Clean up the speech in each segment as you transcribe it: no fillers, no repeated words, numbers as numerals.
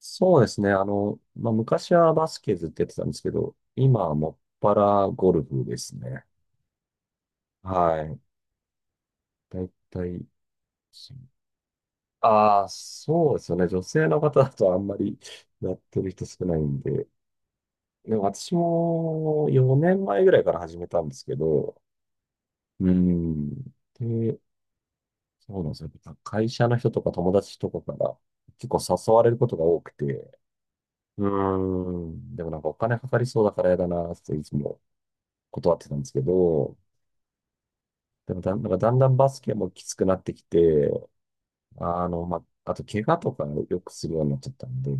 そうですね。昔はバスケずっとやってたんですけど、今はもっぱらゴルフですね。はい。だいたい、ああ、そうですよね。女性の方だとあんまりやってる人少ないんで。でも私も4年前ぐらいから始めたんですけど、うん。で、そうなんですよ。会社の人とか友達とかから結構誘われることが多くて、うん。でもなんかお金かかりそうだからやだなっていつも断ってたんですけど、でもだん、なんかだんだんバスケもきつくなってきて、まあ、あと怪我とかよくするようになっちゃったんで、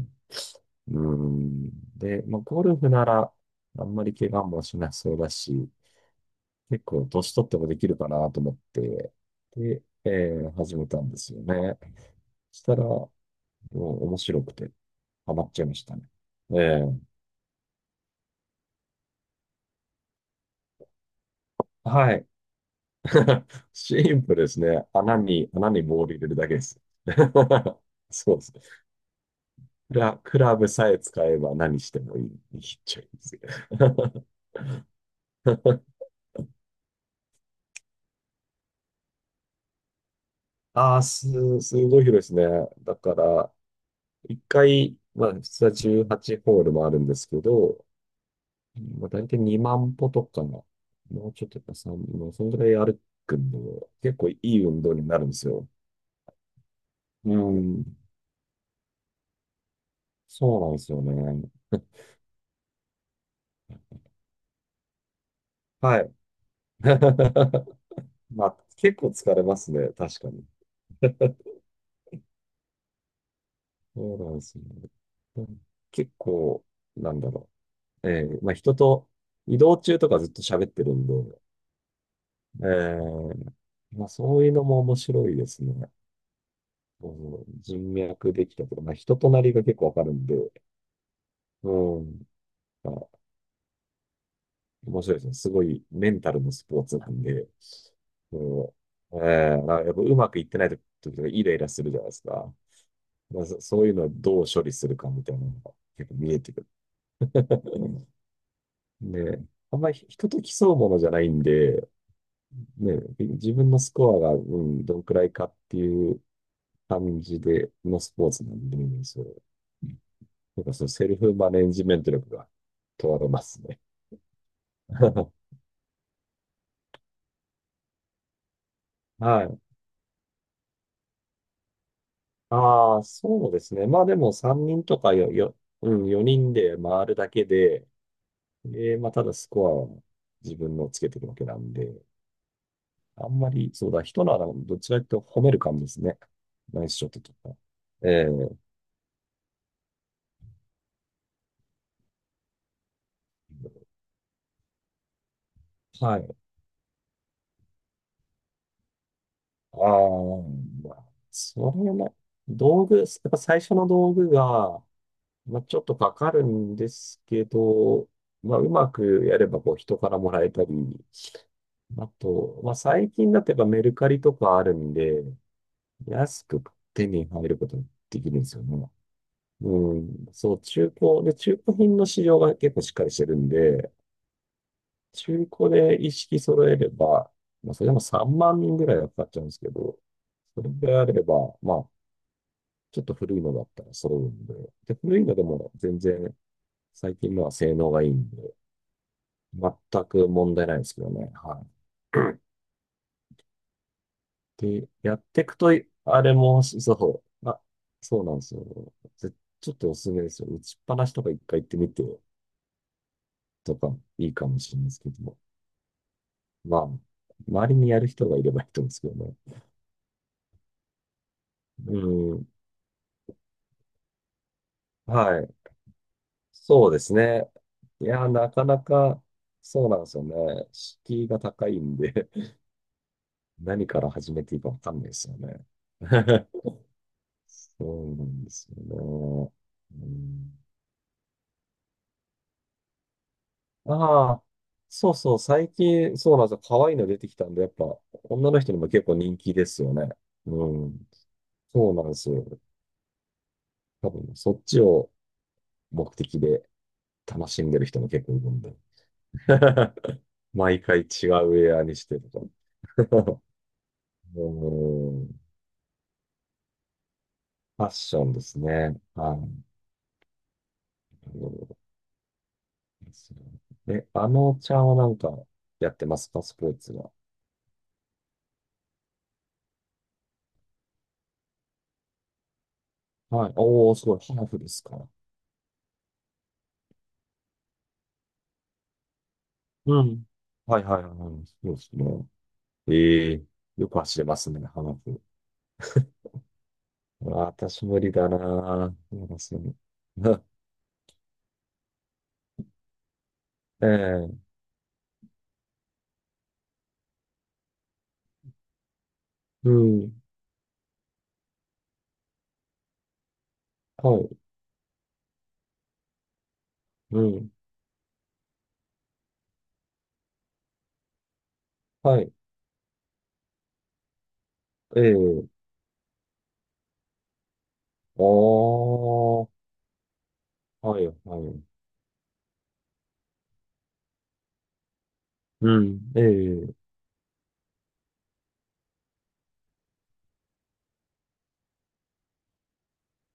うん。で、まあ、ゴルフならあんまり怪我もしなそうだし、結構年取ってもできるかなと思って、で、始めたんですよね。そしたら、もう面白くてハマっちゃいましたね。ええ、はい。シンプルですね。穴にボール入れるだけです。そうですね。クラブさえ使えば何してもいい。いいっちゃいいですよ。ああ、すごい広いですね。だから、一回、まあ、普通は18ホールもあるんですけど、まあ、大体2万歩とか、もうちょっとやっぱ3、もうそんぐらい歩くんで、結構いい運動になるんですよ。うん、そうなんですよね。はい。まあ、結構疲れますね、確かに。そうなんですよね。結構、なんだろう。まあ、人と移動中とかずっと喋ってるんで、えーまあ、そういうのも面白いですね。うん、人脈できたとか、まあ、人となりが結構わかるんで、うん、まあ、面白いですね。すごいメンタルのスポーツなんで、うん、まあやっぱうまくいってない時とかイライラするじゃないですか。まあ、そういうのをどう処理するかみたいなのが結構見えてくる。で、あんまり人と競うものじゃないんで、ね、自分のスコアが、うん、どんくらいかっていう感じでのスポーツなんで、ね、そう。なんかそのセルフマネジメント力が問われますね。はい。ああ、そうですね。まあでも3人とかよ、よ、うん、4人で回るだけで、まあただスコアを自分のつけていくわけなんで、あんまり、そうだ、人の穴をどっちかというと褒める感じですね。ナイスショットとか。ええ、はい。ああ、まあそれも、やっぱ最初の道具が、まあ、ちょっとかかるんですけど、まあ、うまくやればこう人からもらえたり、あと、まあ、最近だとやっぱメルカリとかあるんで、安く手に入ることができるんですよね。で、中古品の市場が結構しっかりしてるんで、中古で一式揃えれば、まあ、それでも3万人ぐらいはかかっちゃうんですけど、それであれば、まあ、ちょっと古いのだったら揃うんで、で、古いのでも全然最近のは性能がいいんで、全く問題ないですけどね。はい。で、やっていくと、あれも、そう、あ、そうなんですよ。ちょっとおすすめですよ。打ちっぱなしとか一回行ってみてとかいいかもしれないですけども。まあ、周りにやる人がいればいいと思うんですけどね。うん。はい、そうですね。いや、なかなか、そうなんですよね。敷居が高いんで 何から始めていいかわかんないですよね。そうなんですよね。うん、ああ、そうなんですよ。可愛いの出てきたんで、やっぱ、女の人にも結構人気ですよね。うん。そうなんですよ。多分、そっちを目的で楽しんでる人も結構いるんで。毎回違うウェアにしてとか。うん、ファッションですね。はい。なるほどですねえ、あのちゃんはなんかやってますかスポーツは。はい。おー、すごい、ハーフですか。うん。はいはいはいはい。そうですね。ええ、よく走れますね、ハーフ。私無理だなぁ。そうですね。ええ、うん。はい。うん。はい。ええ、おー。はい、はい。うん。ええ、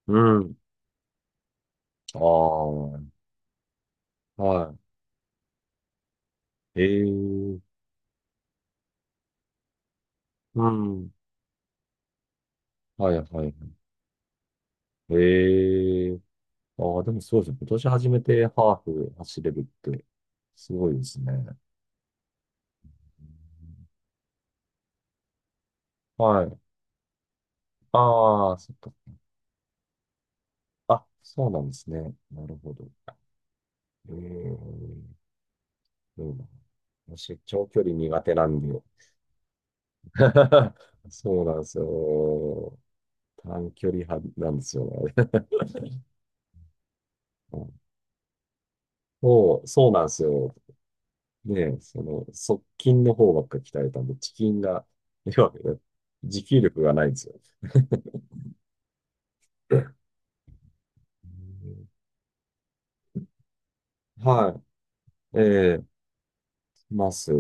うん。ああ。はい。ええ、うん。はいはい。ええ、ああ、でもそうですね。今年初めてハーフ走れるって、すごいですね。うん、はい。ああ、そっか。あ、そうなんですね。なるほど。ええ、どうだろう私、長距離苦手なんで。そうなんですよ。短距離派なんですよね。そうなんですよ。で、側近の方ばっか鍛えたんで、地筋が、要は、持久力がないんですよ。うん、はい。ええ、います。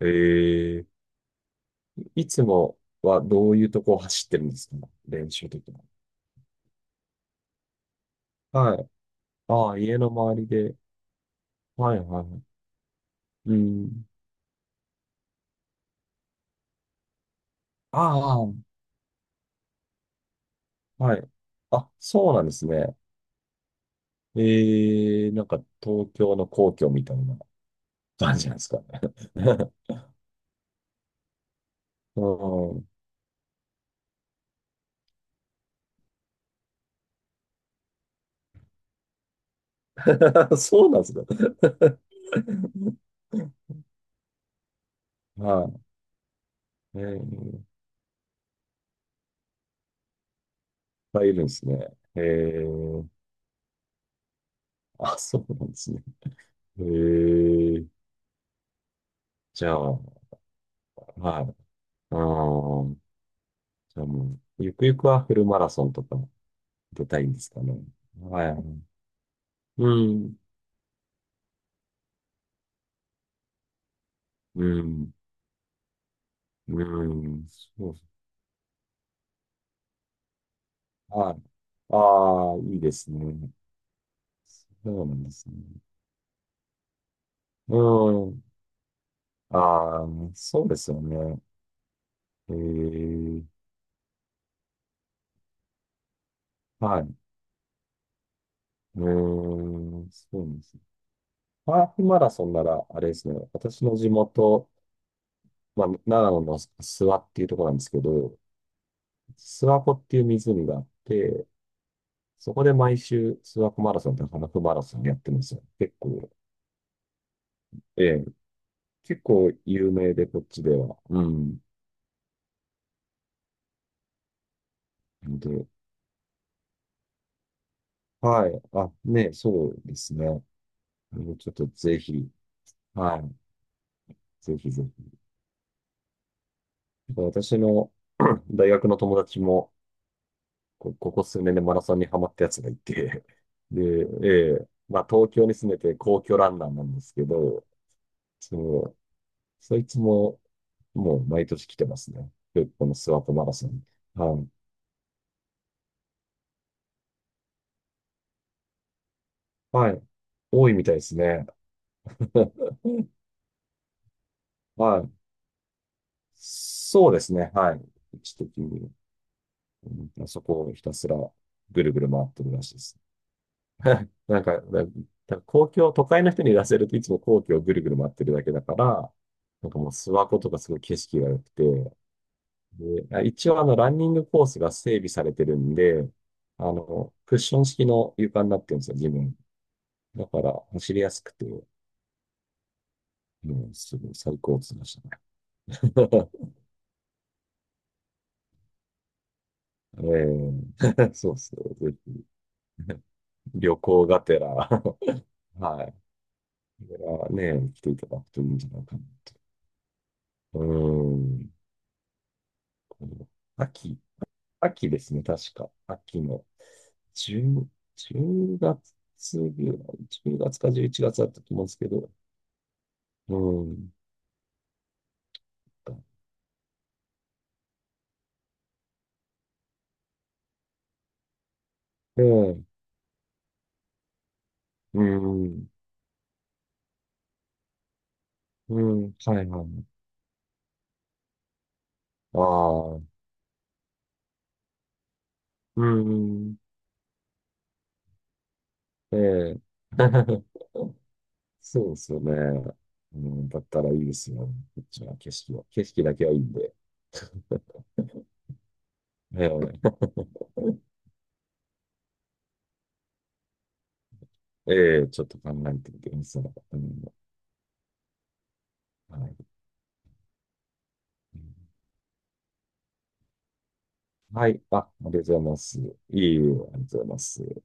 ええ、いつもはどういうとこを走ってるんですか、練習的に。はい。ああ、家の周りで。はい、はい。うん。ああ、はい。あ、そうなんですね。ええ、なんか東京の皇居みたいな感じなんですかね。うん、そうなんですね。はい。えー、いっぱいいるんですね。えー、あ、そうなんですね。えー、じゃあ、はい。あー、じゃあもう、ゆくゆくはフルマラソンとか出たいんですかね。はい。うん、うん、うん、そうそうはい。ああ、いいですね。そうなんですね。うん。ああ、そうですよね。ええ、はい。うーん、そうですね。ハーフマラソンなら、あれですね、私の地元、まあ、長野の諏訪っていうところなんですけど、諏訪湖っていう湖があって、そこで毎週諏訪湖マラソンとハーフマラソンやってるんですよ。結構、ええ、結構有名で、こっちでは。うん。なんで、はい。あ、ね、そうですね。もうちょっとぜひ、はい。ぜひぜひ。私の 大学の友達も、ここ数年でマラソンにハマったやつがいて、で、えまあ東京に住んでて皇居ランナーなんですけど、その、そいつももう毎年来てますね。で、このスワットマラソン。はい。はい。多いみたいですね。はい。そうですね。はい。一時に、うん、まあそこをひたすらぐるぐる回ってるらしいです。なんか、ななんか公共、都会の人に出せるといつも皇居をぐるぐる回ってるだけだから、なんかもう諏訪湖とかすごい景色が良くて、で、あ、一応あのランニングコースが整備されてるんで、あの、クッション式の床になってるんですよ、自分。だから走りやすくて、もうすごい最高っついましたね。えー そうそうぜひ旅行がてら はい。これはね、来ていただくといいんじゃないかな。うーん。秋。秋ですね、確か。秋の10、月ぐらい、10月か11月だったと思うんですけど、うん。ええ、うん、うん、はいはい。ああ、うん、ええ。そうですよね。うん、だったらいいですよ。こっちは景色は。景色だけはいいんで。ええ、ええ、ちょっと考えてみてください。うん、はい、うん、はい。あ、ありがとうございます。いえいえ、ありがとうございます。